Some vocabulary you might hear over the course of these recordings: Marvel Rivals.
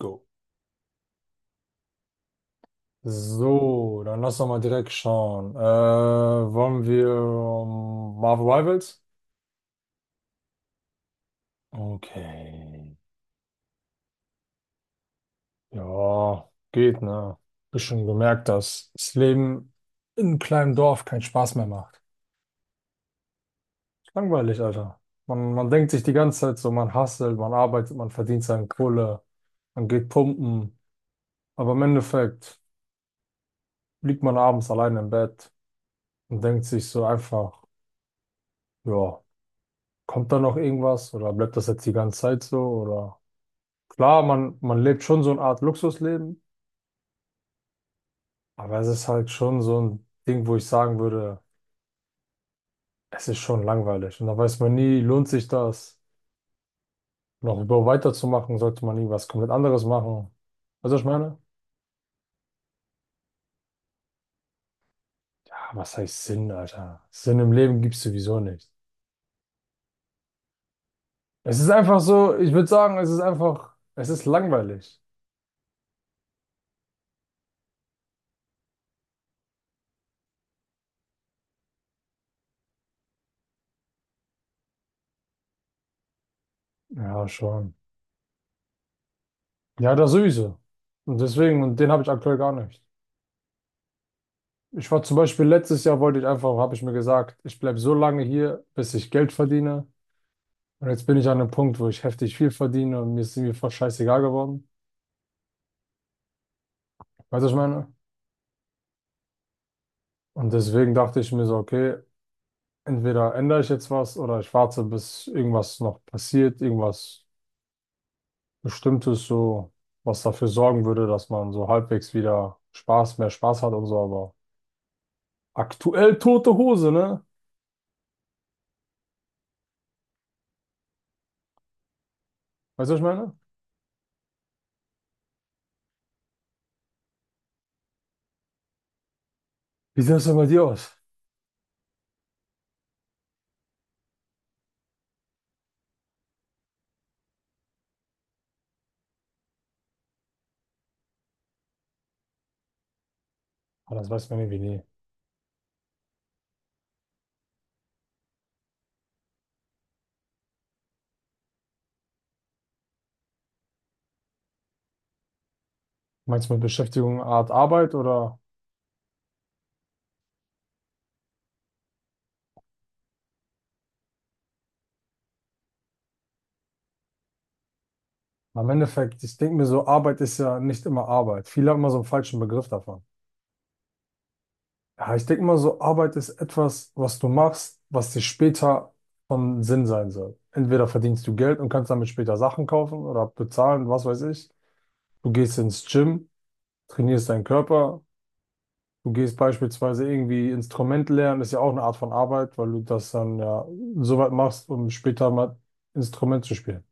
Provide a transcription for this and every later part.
Go. So, dann lass doch mal direkt schauen. Wollen wir Marvel Rivals? Okay. Ja, geht, ne? Bist schon gemerkt, dass das Leben in einem kleinen Dorf keinen Spaß mehr macht. Langweilig, Alter. Man denkt sich die ganze Zeit so, man hustelt, man arbeitet, man verdient seine Kohle, man geht pumpen. Aber im Endeffekt liegt man abends allein im Bett und denkt sich so einfach, ja. Kommt da noch irgendwas oder bleibt das jetzt die ganze Zeit so? Oder klar, man lebt schon so eine Art Luxusleben, aber es ist halt schon so ein Ding, wo ich sagen würde, es ist schon langweilig. Und da weiß man nie, lohnt sich das, noch über weiterzumachen, sollte man irgendwas komplett anderes machen. Weißt du, was ich meine? Ja, was heißt Sinn, Alter? Sinn im Leben gibt es sowieso nicht. Es ist einfach so, ich würde sagen, es ist einfach, es ist langweilig. Ja, schon. Ja, das sowieso. Und deswegen, und den habe ich aktuell gar nicht. Ich war zum Beispiel letztes Jahr, wollte ich einfach, habe ich mir gesagt, ich bleibe so lange hier, bis ich Geld verdiene. Und jetzt bin ich an einem Punkt, wo ich heftig viel verdiene und mir ist irgendwie voll scheißegal geworden. Weißt du, was ich meine? Und deswegen dachte ich mir so, okay, entweder ändere ich jetzt was oder ich warte, bis irgendwas noch passiert, irgendwas Bestimmtes so, was dafür sorgen würde, dass man so halbwegs wieder Spaß, mehr Spaß hat und so. Aber aktuell tote Hose, ne? Weißt du, was ich meine? Wie sieht das denn bei dir aus? Ah, das weiß man irgendwie nie. Meinst du mit Beschäftigung eine Art Arbeit oder? Na, im Endeffekt, ich denke mir so, Arbeit ist ja nicht immer Arbeit. Viele haben immer so einen falschen Begriff davon. Ja, ich denke mal so, Arbeit ist etwas, was du machst, was dir später von Sinn sein soll. Entweder verdienst du Geld und kannst damit später Sachen kaufen oder bezahlen, was weiß ich. Du gehst ins Gym, trainierst deinen Körper. Du gehst beispielsweise irgendwie Instrument lernen, ist ja auch eine Art von Arbeit, weil du das dann ja so weit machst, um später mal Instrument zu spielen.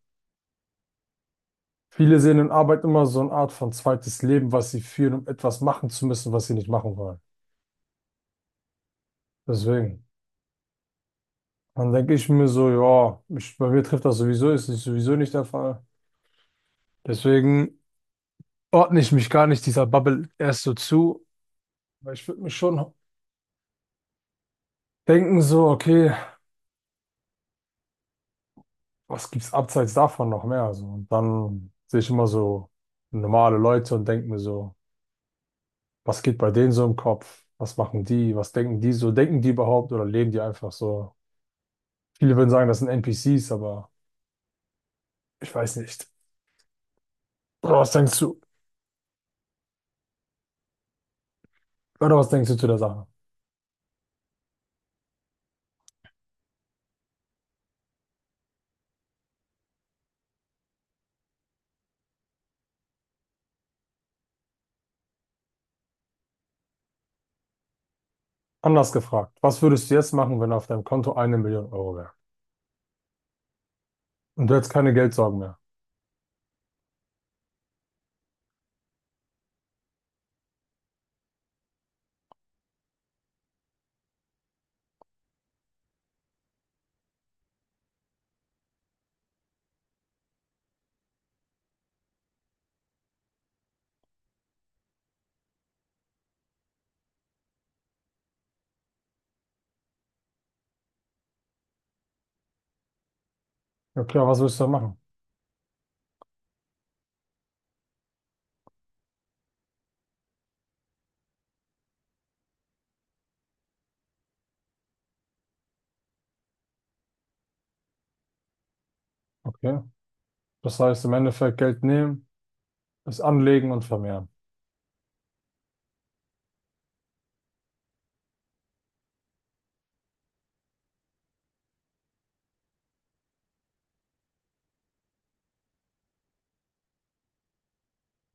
Viele sehen in Arbeit immer so eine Art von zweites Leben, was sie führen, um etwas machen zu müssen, was sie nicht machen wollen. Deswegen. Dann denke ich mir so, ja, ich, bei mir trifft das sowieso, ist das sowieso nicht der Fall. Deswegen ordne ich mich gar nicht dieser Bubble erst so zu, weil ich würde mir schon denken so, okay, was gibt's abseits davon noch mehr? So, und dann sehe ich immer so normale Leute und denke mir so, was geht bei denen so im Kopf? Was machen die? Was denken die so? Denken die überhaupt oder leben die einfach so? Viele würden sagen, das sind NPCs, aber ich weiß nicht. Oder was denkst du? Oder was denkst du zu der Sache? Anders gefragt, was würdest du jetzt machen, wenn auf deinem Konto eine Million Euro wäre? Und du hättest keine Geldsorgen mehr. Ja klar, was würdest du dann machen? Okay. Das heißt, im Endeffekt Geld nehmen, es anlegen und vermehren.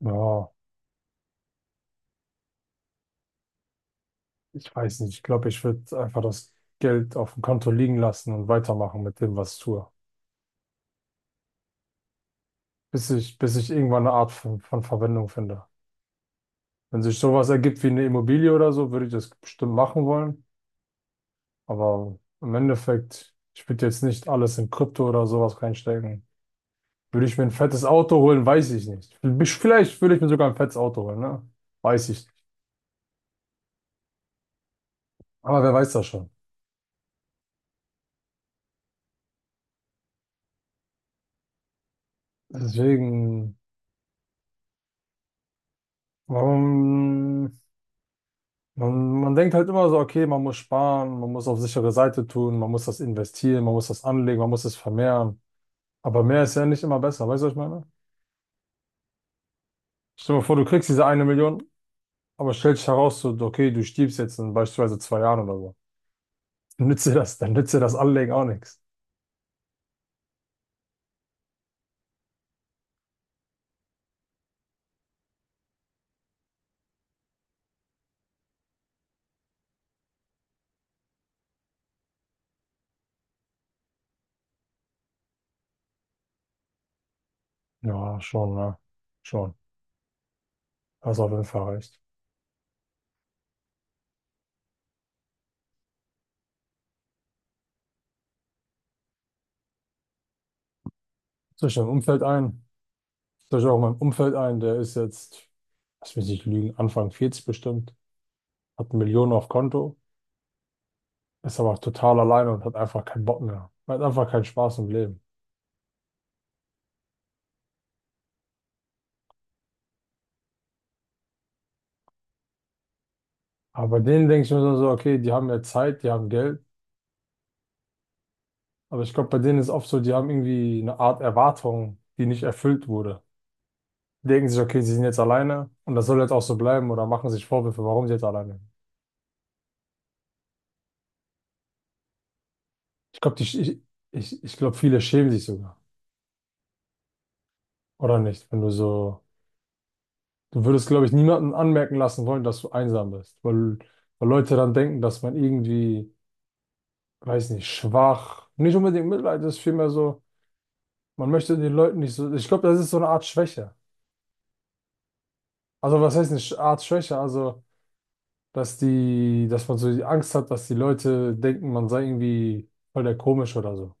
Ja, ich weiß nicht. Ich glaube, ich würde einfach das Geld auf dem Konto liegen lassen und weitermachen mit dem, was ich tue. Bis ich irgendwann eine Art von Verwendung finde. Wenn sich sowas ergibt wie eine Immobilie oder so, würde ich das bestimmt machen wollen. Aber im Endeffekt, ich würde jetzt nicht alles in Krypto oder sowas reinstecken. Würde ich mir ein fettes Auto holen, weiß ich nicht. Vielleicht würde ich mir sogar ein fettes Auto holen, ne? Weiß ich nicht. Aber wer weiß das schon? Deswegen, warum, man denkt halt immer so, okay, man muss sparen, man muss auf sichere Seite tun, man muss das investieren, man muss das anlegen, man muss es vermehren. Aber mehr ist ja nicht immer besser, weißt du, was ich meine? Stell dir mal vor, du kriegst diese eine Million, aber stellt sich heraus, so, okay, du stirbst jetzt in beispielsweise zwei Jahren oder so. Nützt dir das, dann nützt dir das Anlegen auch nichts. Ja, schon, ne? Schon. Hast auf jeden Fall recht. Soll ich deinem Umfeld ein? Soll ich auch in meinem Umfeld ein? Der ist jetzt, lass mich nicht lügen, Anfang 40 bestimmt, hat Millionen auf Konto, ist aber total alleine und hat einfach keinen Bock mehr. Hat einfach keinen Spaß im Leben. Aber bei denen denke ich mir so, so, okay, die haben ja Zeit, die haben Geld. Aber ich glaube, bei denen ist oft so, die haben irgendwie eine Art Erwartung, die nicht erfüllt wurde. Die denken sich, okay, sie sind jetzt alleine und das soll jetzt auch so bleiben oder machen sich Vorwürfe, warum sie jetzt alleine. Ich glaube, die, ich glaube, viele schämen sich sogar. Oder nicht? Wenn du so, du würdest, glaube ich, niemanden anmerken lassen wollen, dass du einsam bist, weil, weil Leute dann denken, dass man irgendwie, weiß nicht, schwach, nicht unbedingt Mitleid ist, vielmehr so, man möchte den Leuten nicht so, ich glaube, das ist so eine Art Schwäche. Also, was heißt eine Art Schwäche? Also, dass die, dass man so die Angst hat, dass die Leute denken, man sei irgendwie voll der komisch oder so.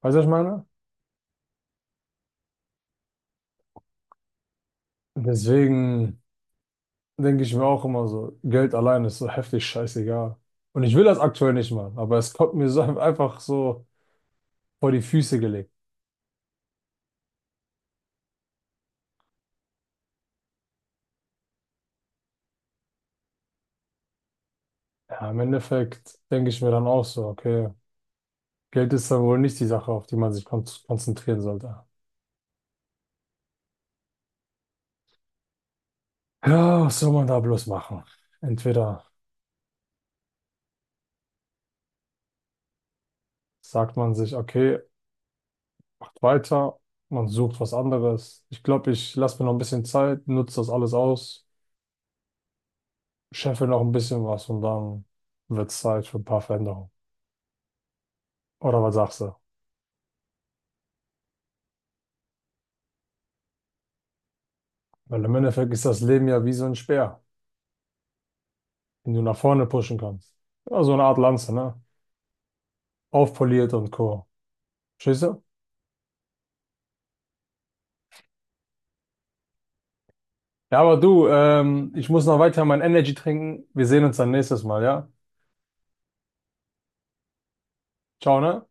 Weißt du, was ich meine? Deswegen. Denke ich mir auch immer so, Geld allein ist so heftig scheißegal. Und ich will das aktuell nicht machen, aber es kommt mir so einfach so vor die Füße gelegt. Ja, im Endeffekt denke ich mir dann auch so, okay, Geld ist dann wohl nicht die Sache, auf die man sich konzentrieren sollte. Ja, was soll man da bloß machen? Entweder sagt man sich, okay, weiter, man sucht was anderes. Ich glaube, ich lasse mir noch ein bisschen Zeit, nutze das alles aus, scheffe noch ein bisschen was und dann wird es Zeit für ein paar Veränderungen. Oder was sagst du? Weil im Endeffekt ist das Leben ja wie so ein Speer, den du nach vorne pushen kannst. Ja, so eine Art Lanze, ne? Aufpoliert und Co. Verstehst du? Ja, aber du, ich muss noch weiter mein Energy trinken. Wir sehen uns dann nächstes Mal, ja? Ciao, ne?